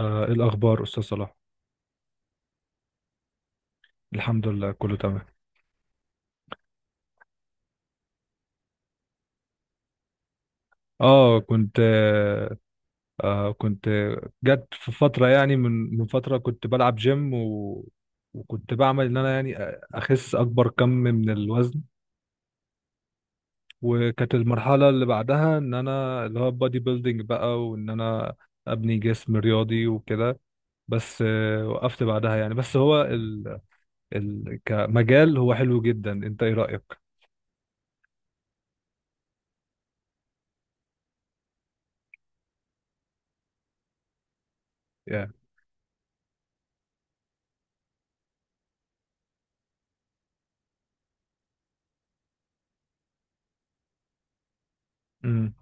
إيه الأخبار أستاذ صلاح؟ الحمد لله كله تمام. آه كنت آه آه، كنت جت في فترة، يعني من فترة كنت بلعب جيم وكنت بعمل إن أنا، يعني، أخس أكبر كم من الوزن. وكانت المرحلة اللي بعدها إن أنا اللي هو بادي بيلدينج بقى، وإن أنا أبني جسم رياضي وكده. بس، وقفت بعدها يعني. بس هو كمجال هو حلو جدا، أنت إيه رأيك؟ يعني. امم.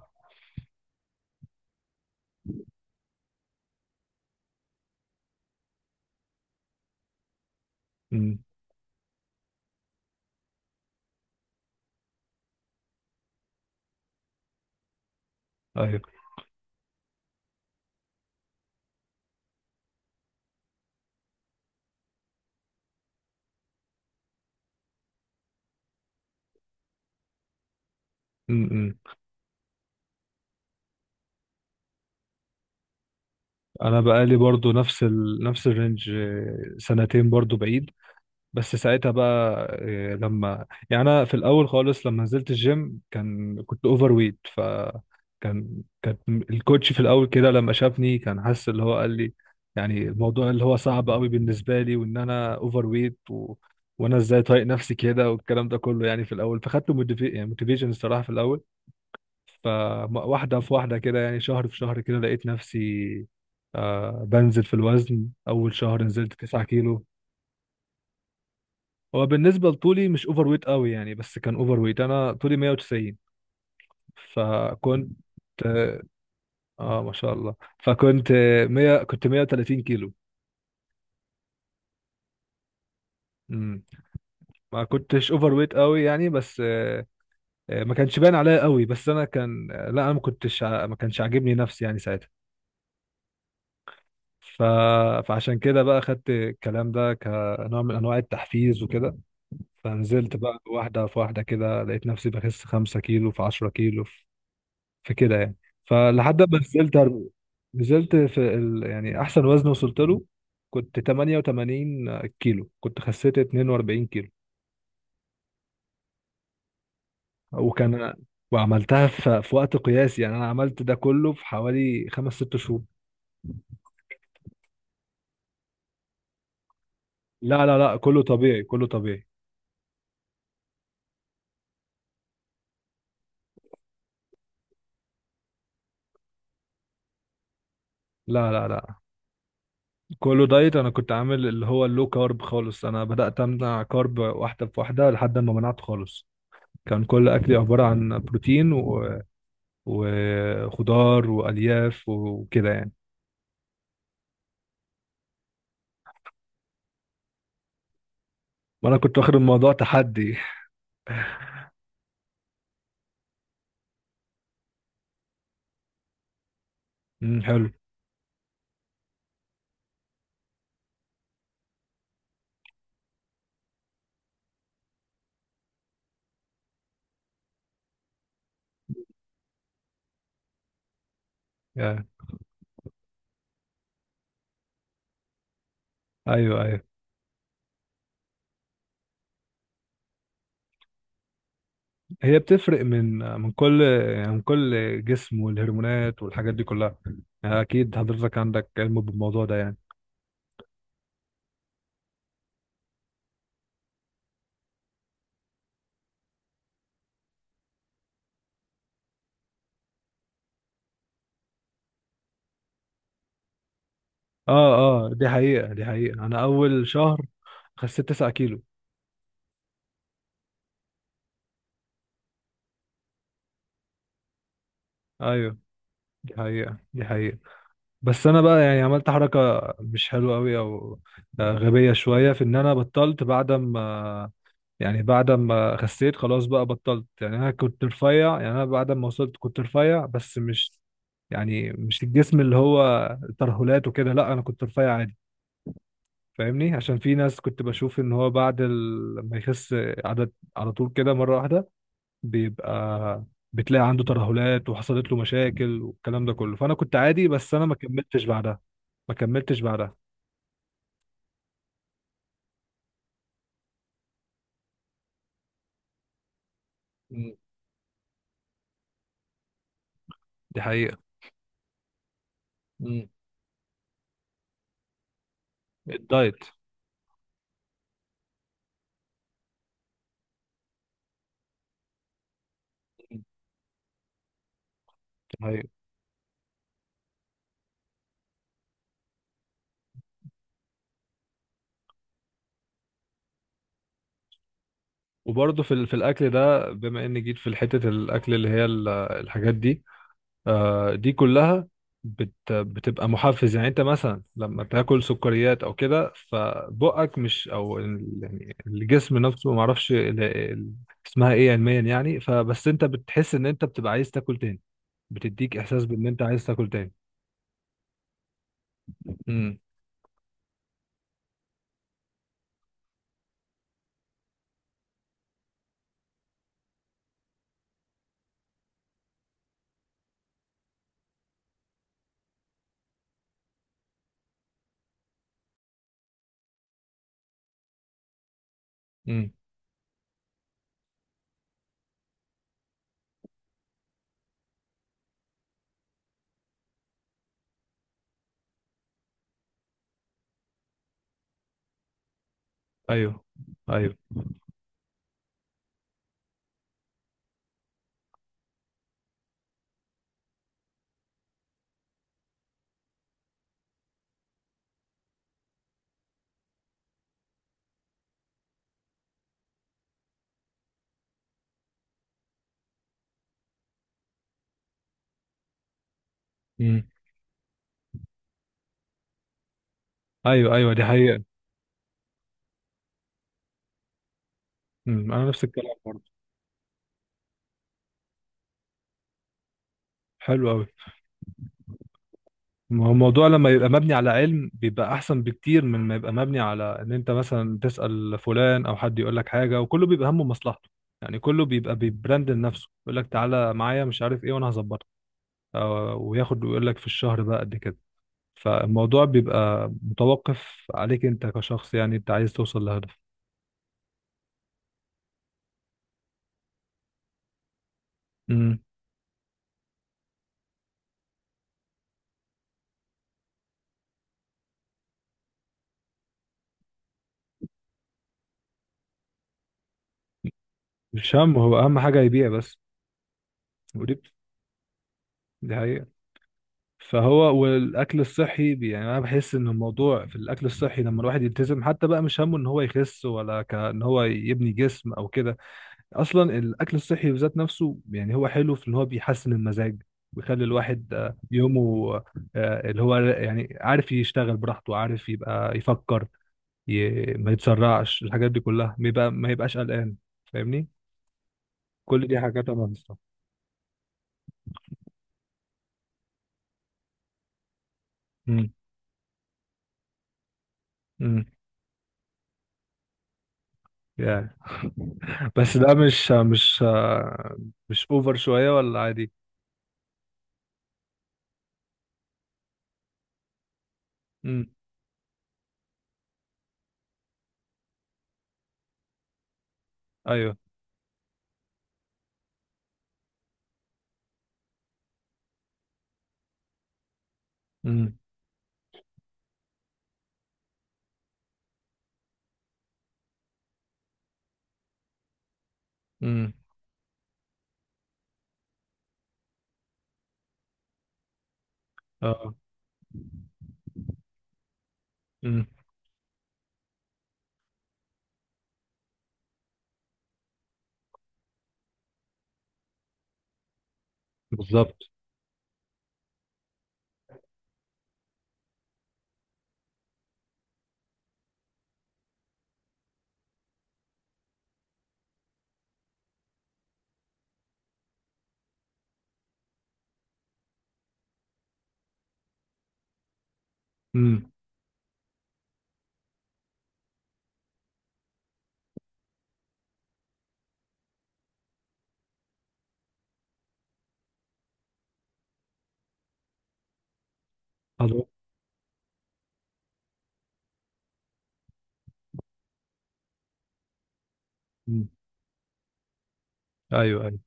امم. ايوه. Mm-hmm. انا بقالي برضو نفس نفس الرينج، سنتين برضو بعيد. بس ساعتها بقى، لما، يعني، انا في الاول خالص لما نزلت الجيم كنت اوفر ويت ف كان الكوتش في الاول كده لما شافني كان حاسس اللي هو، قال لي يعني الموضوع اللي هو صعب قوي بالنسبه لي، وان انا اوفر ويت، و... وانا ازاي طايق نفسي كده والكلام ده كله، يعني في الاول فخدت يعني موتيفيشن الصراحه في الاول. فواحدة في واحدة كده، يعني شهر في شهر كده، لقيت نفسي بنزل في الوزن. أول شهر نزلت 9 كيلو. هو بالنسبة لطولي مش أوفر ويت قوي يعني، بس كان أوفر ويت. أنا طولي 190 فكنت، ما شاء الله، فكنت 100، كنت 130 كيلو. امم. ما كنتش اوفر ويت قوي يعني بس، ما كانش باين عليا قوي، بس انا كان، لا انا ما كنتش ع- ما كانش عاجبني نفسي يعني ساعتها. ف... فعشان كده بقى خدت الكلام ده كنوع من انواع التحفيز وكده. فنزلت بقى واحده في واحده كده، لقيت نفسي بخس 5 كيلو، في 10 كيلو، في كده يعني. فلحد ما نزلت في يعني احسن وزن وصلت له، كنت 88 كيلو، كنت خسيت 42 كيلو. وكان وعملتها في وقت قياسي. يعني انا عملت ده كله في حوالي خمس ست شهور. لا لا لا، كله طبيعي، كله طبيعي. لا لا لا، كله دايت. انا كنت عامل اللي هو اللو كارب خالص. انا بدأت امنع كارب واحدة في واحدة لحد ما منعته خالص. كان كل اكلي عبارة عن بروتين وخضار والياف وكده يعني. وانا كنت واخد الموضوع تحدي. امم، حلو. يا. ايوه ايوه. هي بتفرق من كل، يعني من كل جسم والهرمونات والحاجات دي كلها. يعني اكيد حضرتك عندك علم بالموضوع ده يعني. اه اه، دي حقيقة، دي حقيقة. انا اول شهر خسيت 9 كيلو. ايوه، دي حقيقة، دي حقيقة. بس انا بقى، يعني، عملت حركه مش حلوه قوي، او غبيه شويه، في ان انا بطلت بعد ما، يعني بعد ما خسيت خلاص بقى بطلت. يعني انا كنت رفيع، يعني انا بعد ما وصلت كنت رفيع، بس مش، يعني مش الجسم اللي هو ترهلات وكده، لا، انا كنت رفيع عادي. فاهمني، عشان في ناس كنت بشوف ان هو بعد ما يخس عدد على طول كده مره واحده بيبقى، بتلاقي عنده ترهلات وحصلت له مشاكل والكلام ده كله. فانا كنت عادي، بس انا ما كملتش بعدها. ما كملتش بعدها. مم. دي حقيقة. مم. الدايت. مم. دي حقيقة. وبرضه في في الاكل ده، بما اني جيت في حتة الاكل اللي هي الحاجات دي، دي كلها بتبقى محفز. يعني انت مثلا لما تاكل سكريات او كده فبقك مش، او يعني الجسم نفسه، ما اعرفش اسمها ايه علميا يعني. فبس انت بتحس ان انت بتبقى عايز تاكل تاني، بتديك احساس بان انت عايز تاكل تاني. امم. امم. ايوه. ايوه. مم. ايوه ايوه، دي حقيقة. امم. انا نفس الكلام برضه. حلو قوي. ما هو الموضوع لما يبقى مبني على علم بيبقى احسن بكتير من ما يبقى مبني على ان انت مثلا تسأل فلان او حد يقول لك حاجة، وكله بيبقى همه مصلحته. يعني كله بيبقى بيبراند لنفسه، يقول لك تعالى معايا مش عارف ايه وانا هظبطك، أو- وياخد ويقول لك في الشهر بقى قد كده. فالموضوع بيبقى متوقف عليك انت كشخص، يعني انت عايز توصل لهدف. امم. مش هو اهم حاجة يبيع بس. ودي دي حقيقة. فهو والاكل الصحي يعني، انا بحس ان الموضوع في الاكل الصحي لما الواحد يلتزم، حتى بقى مش همه ان هو يخس، ولا كان هو يبني جسم او كده. اصلا الاكل الصحي بذات نفسه يعني هو حلو في ان هو بيحسن المزاج، ويخلي الواحد، يومه، اللي هو يعني عارف يشتغل براحته، عارف يبقى يفكر، ما يتسرعش، الحاجات دي كلها ما يبقاش قلقان. فاهمني. كل دي حاجات. انا يعني بس ده مش اوفر شوية ولا عادي؟ امم. ايوه. امم. امم. اه. امم. بالظبط. امم. حضرتك. امم. ايوه ايوه.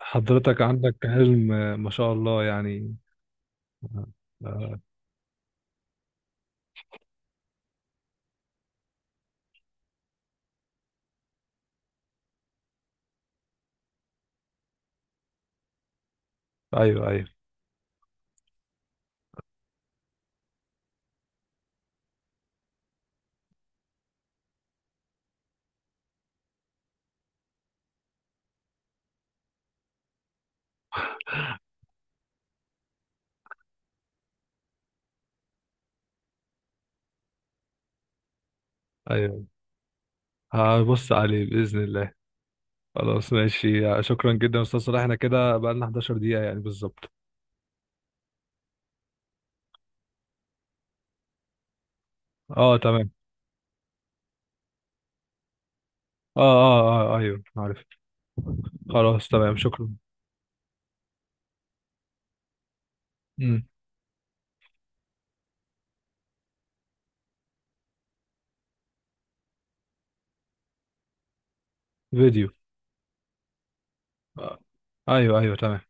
حضرتك عندك حلم، ما شاء الله يعني. آه، ايوه ايوه ايوه، هبص عليه باذن الله. خلاص ماشي. شكرا جدا يا استاذ صلاح. احنا كده بقالنا 11 دقيقة يعني بالظبط. اه تمام. اه اه اه ايوه عارف. خلاص تمام شكرا. امم. فيديو. آه. ايوه ايوه تمام.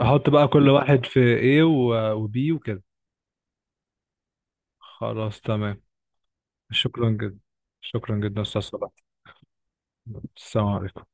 احط بقى كل واحد في A وبي وكده. خلاص تمام. شكرا جدا. شكرا جدا استاذ صلاح. السلام عليكم.